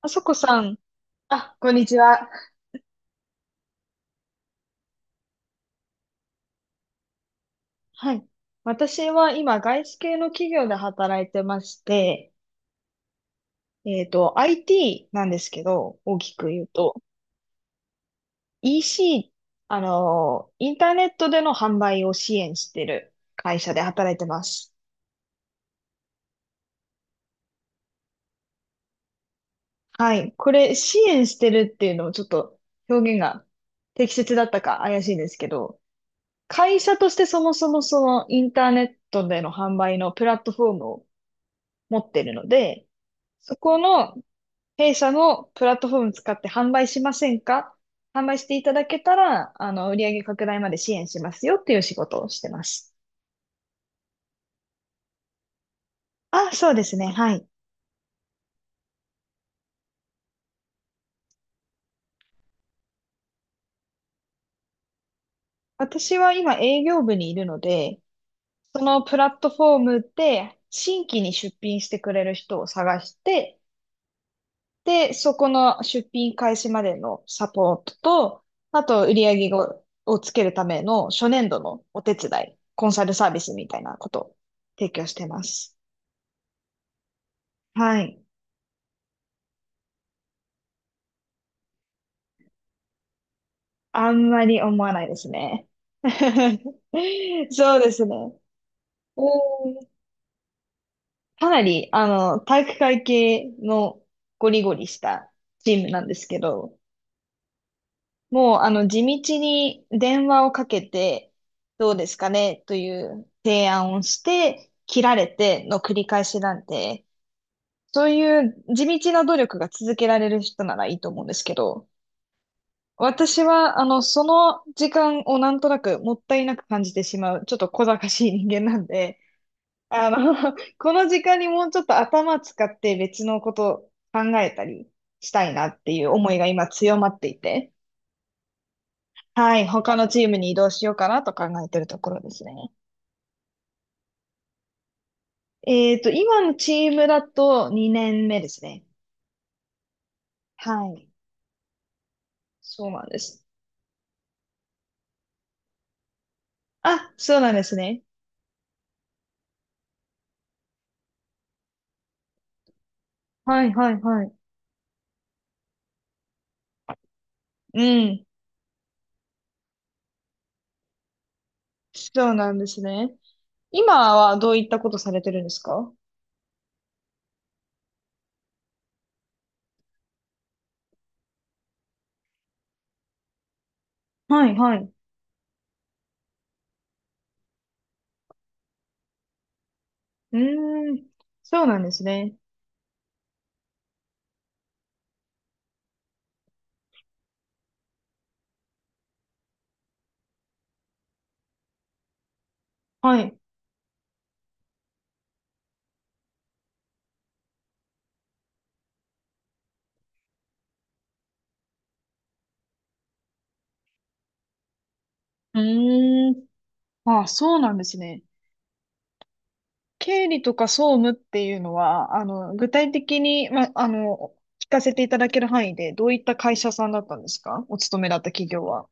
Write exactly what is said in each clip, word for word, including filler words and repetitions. あそこさん、あ、こんにちは。はい。私は今、外資系の企業で働いてまして、えっと、アイティー なんですけど、大きく言うと、イーシー、あのー、インターネットでの販売を支援してる会社で働いてます。はい。これ、支援してるっていうのをちょっと表現が適切だったか怪しいんですけど、会社としてそもそもそのインターネットでの販売のプラットフォームを持ってるので、そこの弊社のプラットフォーム使って販売しませんか？販売していただけたら、あの、売上拡大まで支援しますよっていう仕事をしてます。あ、そうですね。はい。私は今営業部にいるので、そのプラットフォームで新規に出品してくれる人を探して、で、そこの出品開始までのサポートと、あと売上を、をつけるための初年度のお手伝い、コンサルサービスみたいなことを提供してます。はい。あんまり思わないですね。そうですね。うん、かなり、あの、体育会系のゴリゴリしたチームなんですけど、もう、あの、地道に電話をかけて、どうですかねという提案をして、切られての繰り返しなんで、そういう地道な努力が続けられる人ならいいと思うんですけど、私は、あの、その時間をなんとなくもったいなく感じてしまう、ちょっと小賢しい人間なんで、あの、この時間にもうちょっと頭使って別のこと考えたりしたいなっていう思いが今強まっていて、はい、他のチームに移動しようかなと考えてるところですね。えっと、今のチームだとにねんめですね。はい、そうなんです。あ、そうなんですね。はい、はい、はい。うん、そうなんですね。今はどういったことされてるんですか？はい、はい。うーん、そうなんですね。はい。うーん。あ、そうなんですね。経理とか総務っていうのは、あの、具体的に、ま、あの、聞かせていただける範囲で、どういった会社さんだったんですか？お勤めだった企業は。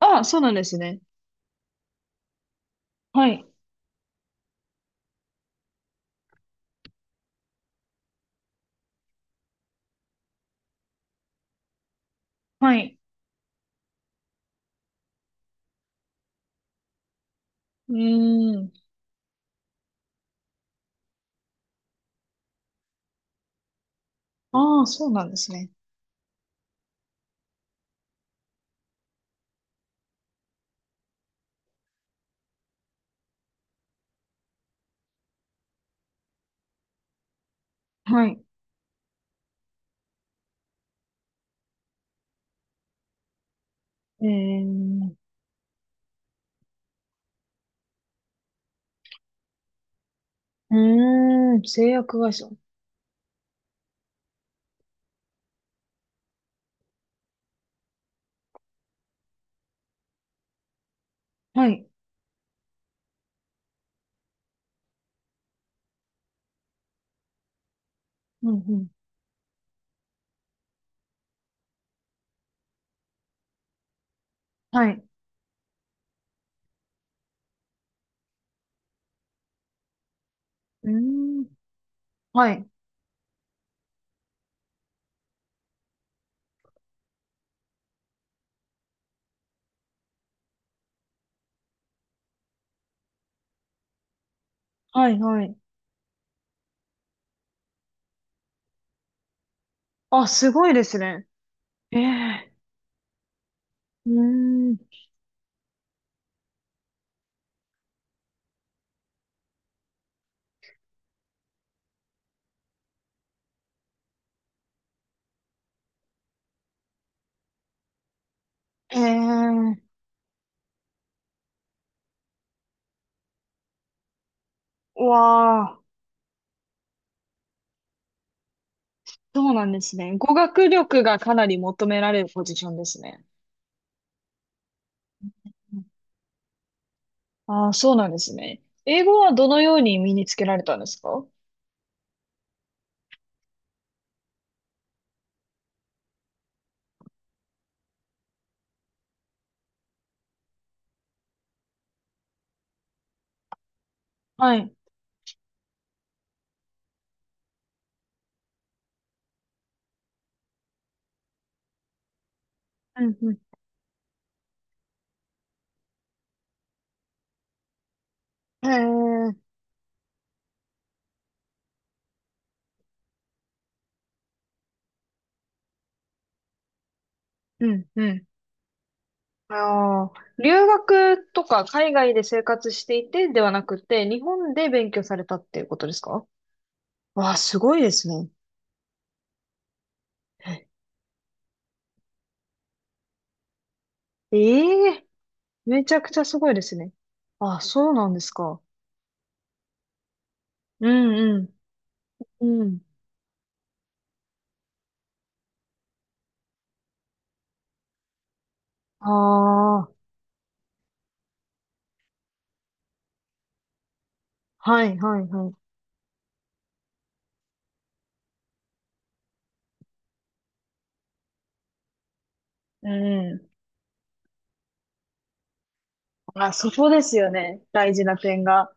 ああ、そうなんですね。はい、はい。うーん。ああ、そうなんですね。はい。えー、うーん、製薬会社。はい。うん、うん。はい。うーん。はい。はい、はい。あ、すごいですね。ええ、うーん。ええ。うわあ、そうなんですね。語学力がかなり求められるポジションですね。ああ、そうなんですね。英語はどのように身につけられたんですか？はい。うん、うん。ええ。うん、うん。ああ、留学とか海外で生活していてではなくて、日本で勉強されたっていうことですか？わあ、すごいですね。ええ。めちゃくちゃすごいですね。あ、そうなんですか。うんうん。うん。ああ、はいはいはい。うんうん。あ、そこですよね。大事な点が。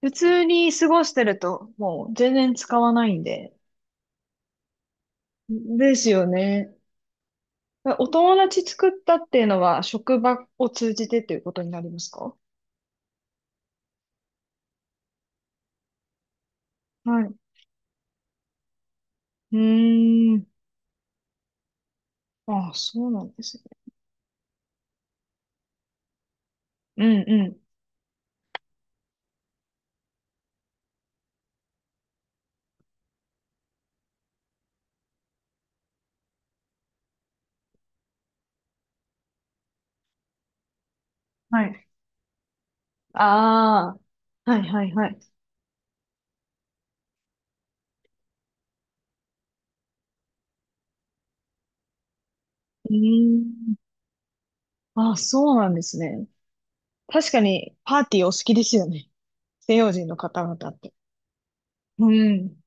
普通に過ごしてると、もう全然使わないんで。ですよね。お友達作ったっていうのは、職場を通じてということになりますか？はい。うーん。あ、そうなんですね。うんうん。はい。ああ、はいはいはい。うーん。あ、そうなんですね。確かにパーティーお好きですよね。西洋人の方々って。うん。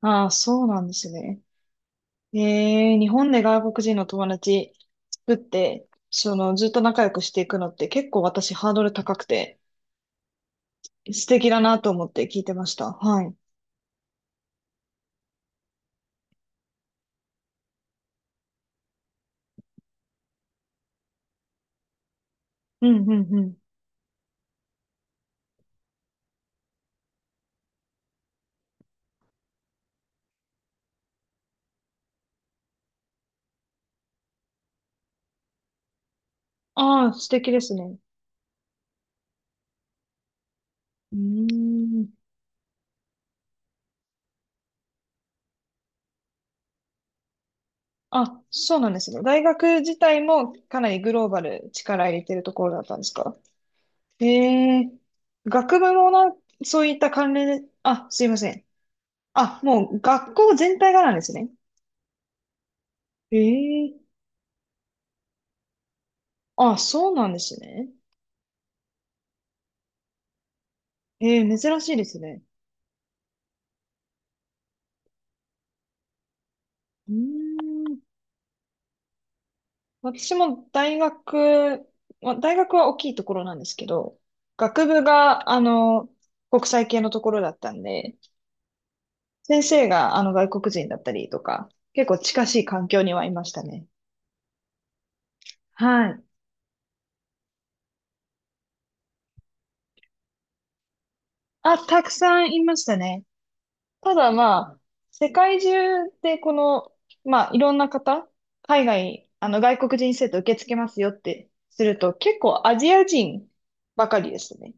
ああ、そうなんですね。えー、日本で外国人の友達作って、その、ずっと仲良くしていくのって結構私ハードル高くて、素敵だなと思って聞いてました。はい。うん、うん、うん。ああ、素敵ですね。うーん。あ、そうなんですね。大学自体もかなりグローバル力入れてるところだったんですか？ええ、学部もな、そういった関連で、あ、すいません。あ、もう学校全体がなんですね。ええ。あ、そうなんですね。ええ、珍しいですね。うーん。私も大学、まあ、大学は大きいところなんですけど、学部が、あの、国際系のところだったんで、先生が、あの、外国人だったりとか、結構近しい環境にはいましたね。はい。あ、たくさんいましたね。ただまあ、世界中でこの、まあ、いろんな方、海外、あの、外国人生徒受け付けますよってすると、結構アジア人ばかりですね。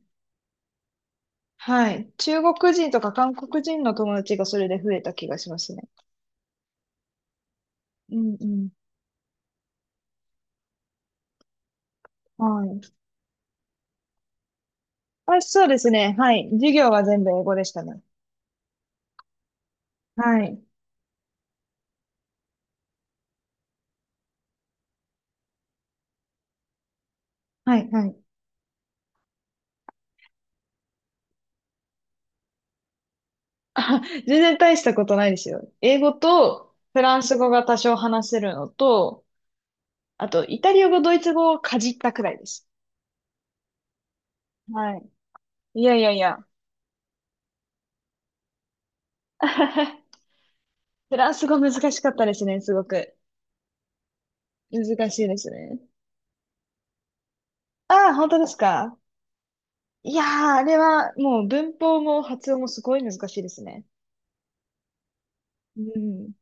はい。中国人とか韓国人の友達がそれで増えた気がしますね。うんうん。はい。あ、そうですね。はい。授業は全部英語でしたね。はい。はい、はい。あ、全然大したことないですよ。英語とフランス語が多少話せるのと、あと、イタリア語、ドイツ語をかじったくらいです。はい。いやいやいや。フランス語難しかったですね、すごく。難しいですね。ああ、本当ですか。いやー、あれはもう文法も発音もすごい難しいですね。うん。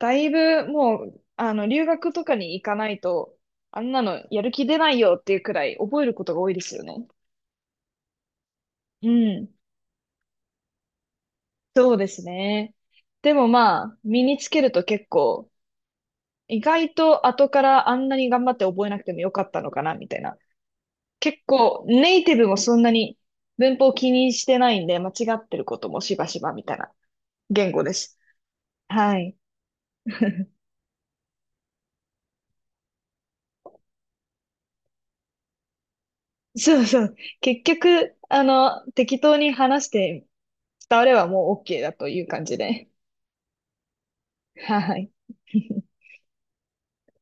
だいぶもう、あの、留学とかに行かないと、あんなのやる気出ないよっていうくらい覚えることが多いですよね。うん。そうですね。でもまあ、身につけると結構、意外と後からあんなに頑張って覚えなくてもよかったのかな、みたいな。結構ネイティブもそんなに文法を気にしてないんで、間違ってることもしばしばみたいな言語です。はい。そうそう。結局、あの、適当に話して伝わればもう オーケー だという感じで。はい。